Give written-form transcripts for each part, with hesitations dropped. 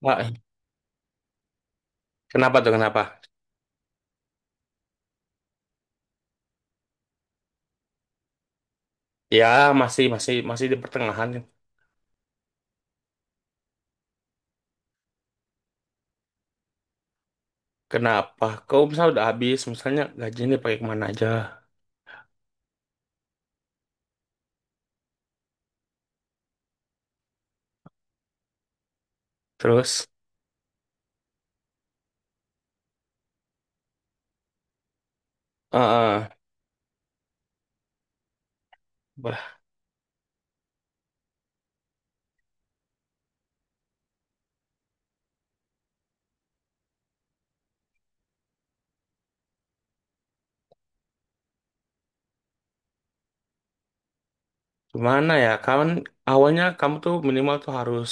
Wah, kenapa tuh kenapa? Ya masih masih masih di pertengahan. Kenapa? Kau misalnya udah habis, misalnya gajinya dipakai kemana aja? Terus, eh eh, bah, gimana ya? Kan awalnya kamu tuh minimal tuh harus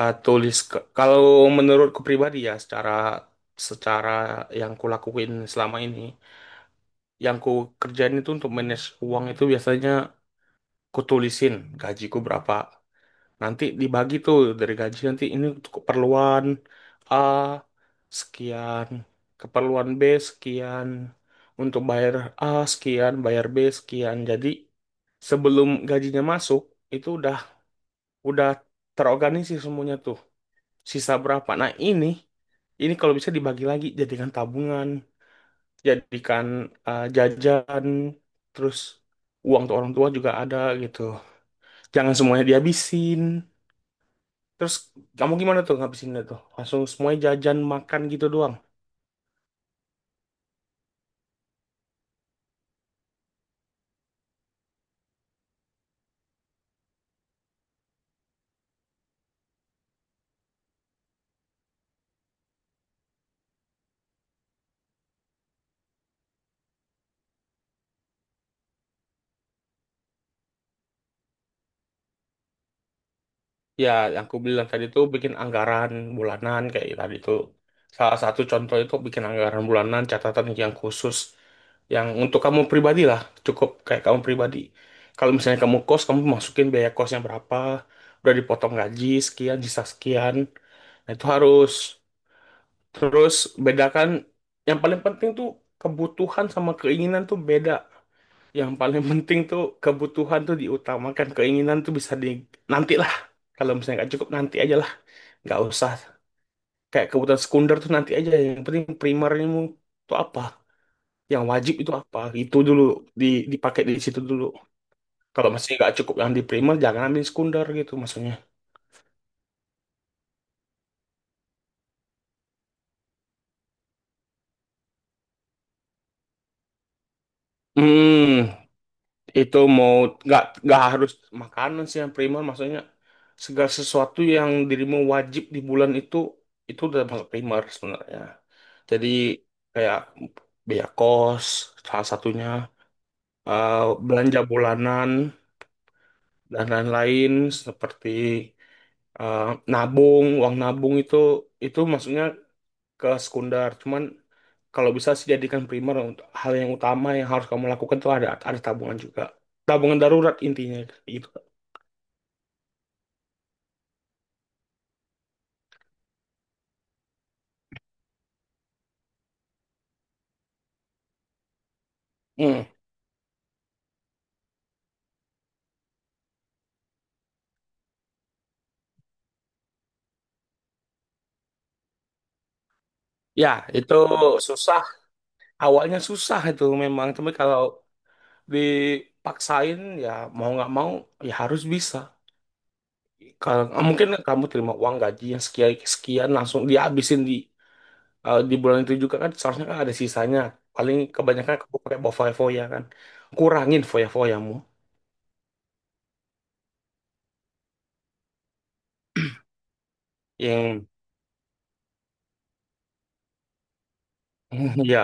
tulis. Kalau menurutku pribadi ya, secara secara yang kulakuin selama ini, yang ku kerjain itu untuk manage uang itu biasanya ku tulisin gajiku berapa. Nanti dibagi tuh, dari gaji nanti ini untuk keperluan A sekian, keperluan B sekian, untuk bayar A sekian, bayar B sekian. Jadi sebelum gajinya masuk itu udah terorganisir semuanya tuh. Sisa berapa? Nah, ini kalau bisa dibagi lagi, jadikan tabungan, jadikan jajan, terus uang tuh orang tua juga ada gitu. Jangan semuanya dihabisin. Terus kamu gimana tuh ngabisinnya tuh? Langsung semuanya jajan makan gitu doang. Ya, yang aku bilang tadi tuh bikin anggaran bulanan kayak tadi tuh. Salah satu contoh itu bikin anggaran bulanan, catatan yang khusus. Yang untuk kamu pribadi lah, cukup kayak kamu pribadi. Kalau misalnya kamu kos, kamu masukin biaya kosnya berapa, udah dipotong gaji, sekian, sisa sekian. Nah, itu harus. Terus bedakan, yang paling penting tuh kebutuhan sama keinginan tuh beda. Yang paling penting tuh kebutuhan tuh diutamakan, keinginan tuh bisa di nanti lah. Kalau misalnya nggak cukup nanti aja lah, nggak usah. Kayak kebutuhan sekunder tuh nanti aja. Yang penting primermu tuh apa, yang wajib itu apa, itu dulu di dipakai di situ dulu. Kalau masih nggak cukup yang di primer, jangan ambil sekunder gitu maksudnya. Hmm, itu mau nggak harus makanan sih yang primer, maksudnya segala sesuatu yang dirimu wajib di bulan itu udah masuk primer sebenarnya. Jadi kayak biaya kos salah satunya, eh, belanja bulanan dan lain-lain, seperti eh, nabung, uang nabung itu maksudnya ke sekunder. Cuman kalau bisa sih jadikan primer, untuk hal yang utama yang harus kamu lakukan tuh ada tabungan juga, tabungan darurat intinya, gitu. Hmm. Ya, itu susah. Awalnya susah itu memang. Tapi kalau dipaksain, ya mau nggak mau, ya harus bisa. Kalau mungkin kamu terima uang gaji yang sekian sekian langsung dihabisin di bulan itu juga, kan seharusnya kan ada sisanya. Paling kebanyakan kamu pakai bawa foya-foya kan. Kurangin foya-foyamu yang ya,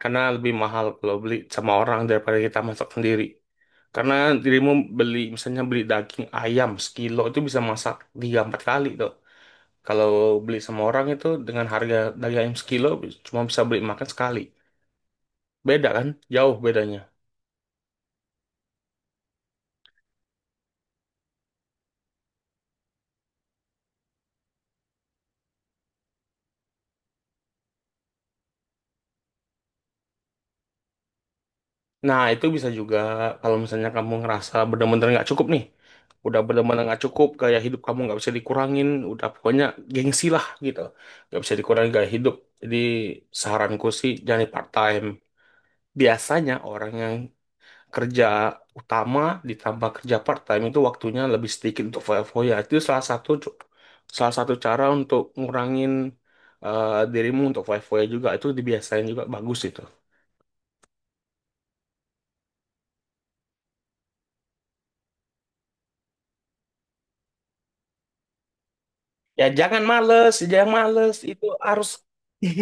karena lebih mahal kalau beli sama orang daripada kita masak sendiri. Karena dirimu beli, misalnya beli daging ayam sekilo itu bisa masak tiga empat kali tuh. Kalau beli sama orang itu dengan harga daging ayam sekilo cuma bisa beli makan sekali. Beda kan? Jauh bedanya. Nah, itu bisa juga kalau misalnya kamu ngerasa bener-bener nggak cukup nih. Udah bener-bener nggak cukup, gaya hidup kamu nggak bisa dikurangin. Udah pokoknya gengsi lah gitu. Nggak bisa dikurangin gaya hidup. Jadi saranku sih jangan part time. Biasanya orang yang kerja utama ditambah kerja part time itu waktunya lebih sedikit untuk foya-foya. Itu salah satu cara untuk ngurangin dirimu untuk foya-foya juga. Itu dibiasain juga bagus itu. Ya jangan males, jangan males. Itu harus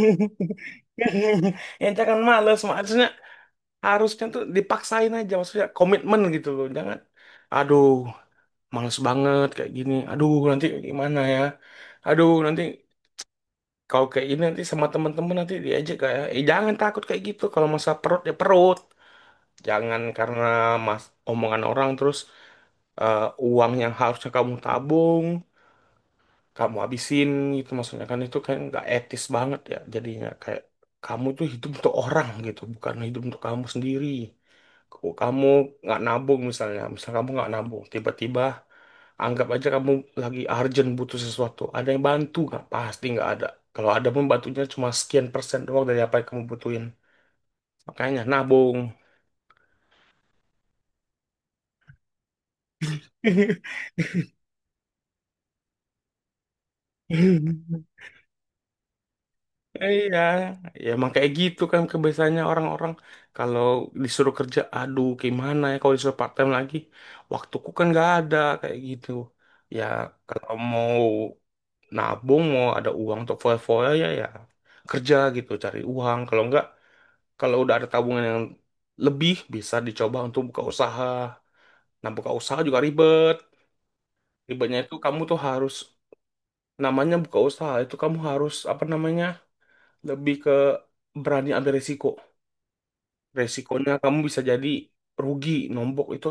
ya jangan males. Maksudnya harusnya tuh dipaksain aja. Maksudnya komitmen gitu loh. Jangan, aduh males banget kayak gini. Aduh nanti gimana ya. Aduh nanti kalau kayak ini nanti sama temen-temen nanti diajak kayak, eh jangan takut kayak gitu. Kalau masalah perut ya perut. Jangan karena mas omongan orang terus eh, uang yang harusnya kamu tabung kamu habisin, gitu maksudnya. Kan itu kan nggak etis banget ya, jadinya kayak kamu tuh hidup untuk orang gitu, bukan hidup untuk kamu sendiri. Kalau kamu nggak nabung, misalnya misal kamu nggak nabung tiba-tiba, anggap aja kamu lagi urgent butuh sesuatu, ada yang bantu nggak? Pasti nggak ada. Kalau ada pun bantunya cuma sekian persen doang dari apa yang kamu butuhin. Makanya nabung. Iya, ya emang kayak gitu kan kebiasaannya orang-orang. Kalau disuruh kerja, aduh gimana ya kalau disuruh part time lagi, waktuku kan nggak ada kayak gitu. Ya kalau mau nabung, mau ada uang untuk foya-foya, ya ya kerja gitu, cari uang. Kalau nggak, kalau udah ada tabungan yang lebih, bisa dicoba untuk buka usaha. Nah, buka usaha juga ribet. Ribetnya itu kamu tuh harus, namanya buka usaha itu kamu harus, apa namanya, lebih ke berani ambil risiko. Resikonya kamu bisa jadi rugi nombok. Itu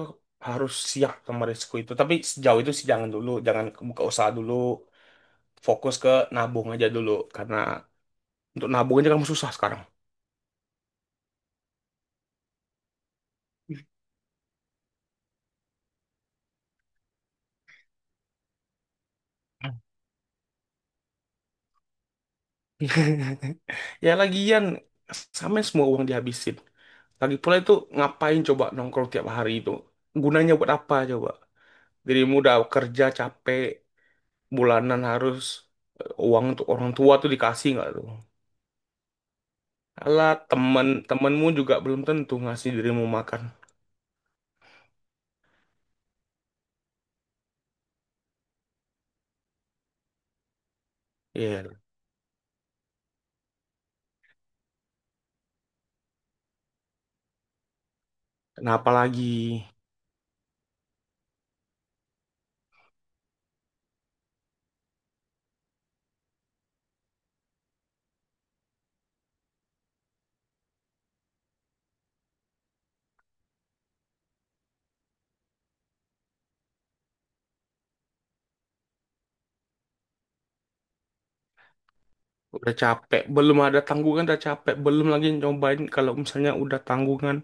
harus siap sama resiko itu. Tapi sejauh itu sih jangan dulu, jangan buka usaha dulu, fokus ke nabung aja dulu, karena untuk nabung aja kamu susah sekarang. Ya lagian, sama semua uang dihabisin. Lagi pula itu ngapain coba nongkrong tiap hari itu? Gunanya buat apa coba? Dirimu udah kerja capek, bulanan harus, uang untuk orang tua tuh dikasih nggak tuh? Alah, temen temenmu juga belum tentu ngasih dirimu makan. Ya, kenapa lagi? Udah capek, belum ada tanggungan udah capek, belum lagi nyobain kalau misalnya udah tanggungan.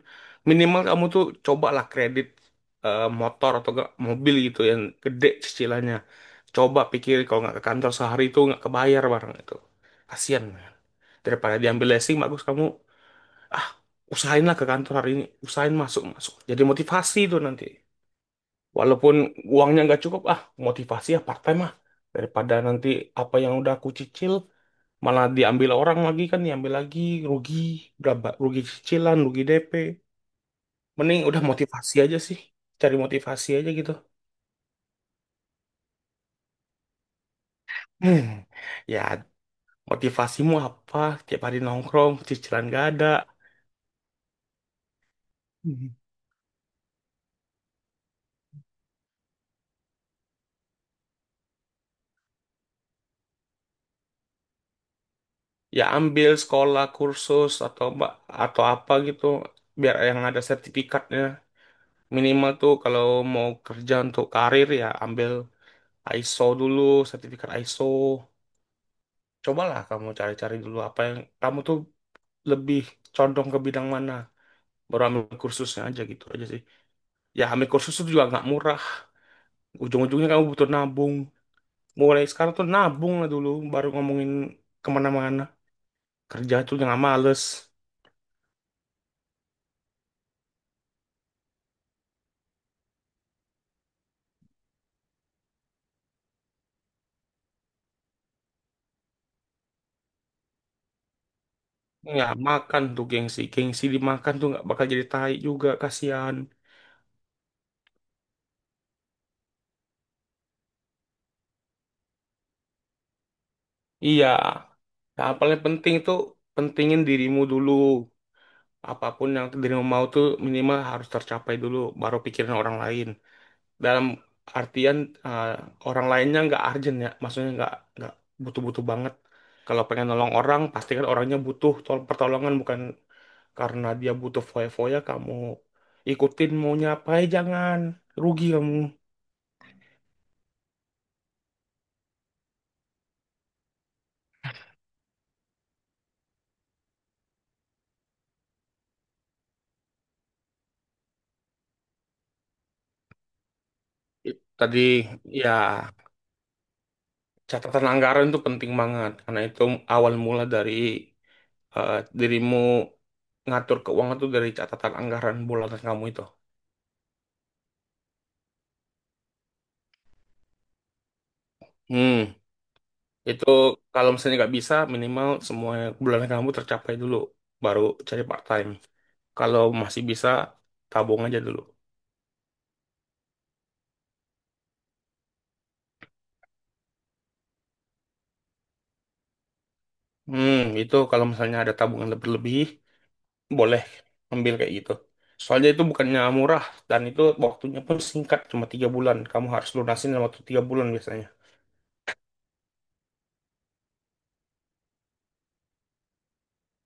Minimal kamu tuh cobalah kredit motor atau enggak mobil gitu yang gede cicilannya. Coba pikir, kalau nggak ke kantor sehari itu nggak kebayar barang itu. Kasian. Daripada diambil leasing, bagus kamu ah usahainlah ke kantor hari ini, usahain masuk-masuk. Jadi motivasi itu nanti. Walaupun uangnya nggak cukup, ah motivasi ya part time ah. Daripada nanti apa yang udah aku cicil malah diambil orang lagi kan, diambil lagi, rugi berapa, rugi cicilan, rugi DP. Mending udah motivasi aja sih, cari motivasi aja gitu. Hmm, ya motivasimu apa? Tiap hari nongkrong, cicilan gak ada. Hmm. Ya ambil sekolah, kursus atau mbak atau apa gitu, biar yang ada sertifikatnya. Minimal tuh kalau mau kerja untuk karir ya ambil ISO dulu, sertifikat ISO. Cobalah kamu cari-cari dulu apa yang kamu tuh lebih condong ke bidang mana. Baru ambil kursusnya aja, gitu aja sih. Ya ambil kursus itu juga nggak murah. Ujung-ujungnya kamu butuh nabung. Mulai sekarang tuh nabung lah dulu, baru ngomongin kemana-mana. Kerja tuh jangan males. Ya makan tuh gengsi, gengsi dimakan tuh nggak bakal jadi tai juga, kasihan. Iya, yang paling penting tuh pentingin dirimu dulu. Apapun yang diri mau tuh minimal harus tercapai dulu baru pikirin orang lain, dalam artian eh, orang lainnya nggak urgent, ya maksudnya nggak butuh-butuh banget. Kalau pengen nolong orang pastikan orangnya butuh pertolongan, bukan karena dia butuh foya-foya, kamu ikutin maunya apa, jangan rugi kamu. Tadi ya, catatan anggaran itu penting banget, karena itu awal mula dari eh, dirimu ngatur keuangan tuh dari catatan anggaran bulanan kamu itu. Hmm, itu kalau misalnya nggak bisa, minimal semua bulanan kamu tercapai dulu, baru cari part time. Kalau masih bisa, tabung aja dulu. Hmm, itu kalau misalnya ada tabungan lebih-lebih, boleh ambil kayak gitu. Soalnya itu bukannya murah, dan itu waktunya pun singkat, cuma 3 bulan. Kamu harus lunasin dalam waktu 3 bulan biasanya.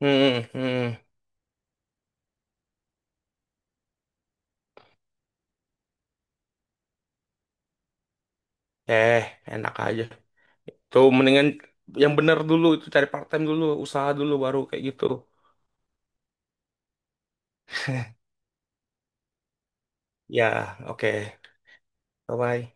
Hmm, hmm. Eh, enak aja. Tuh mendingan yang bener dulu itu cari part time dulu, usaha dulu baru kayak gitu. Ya, oke. Bye bye.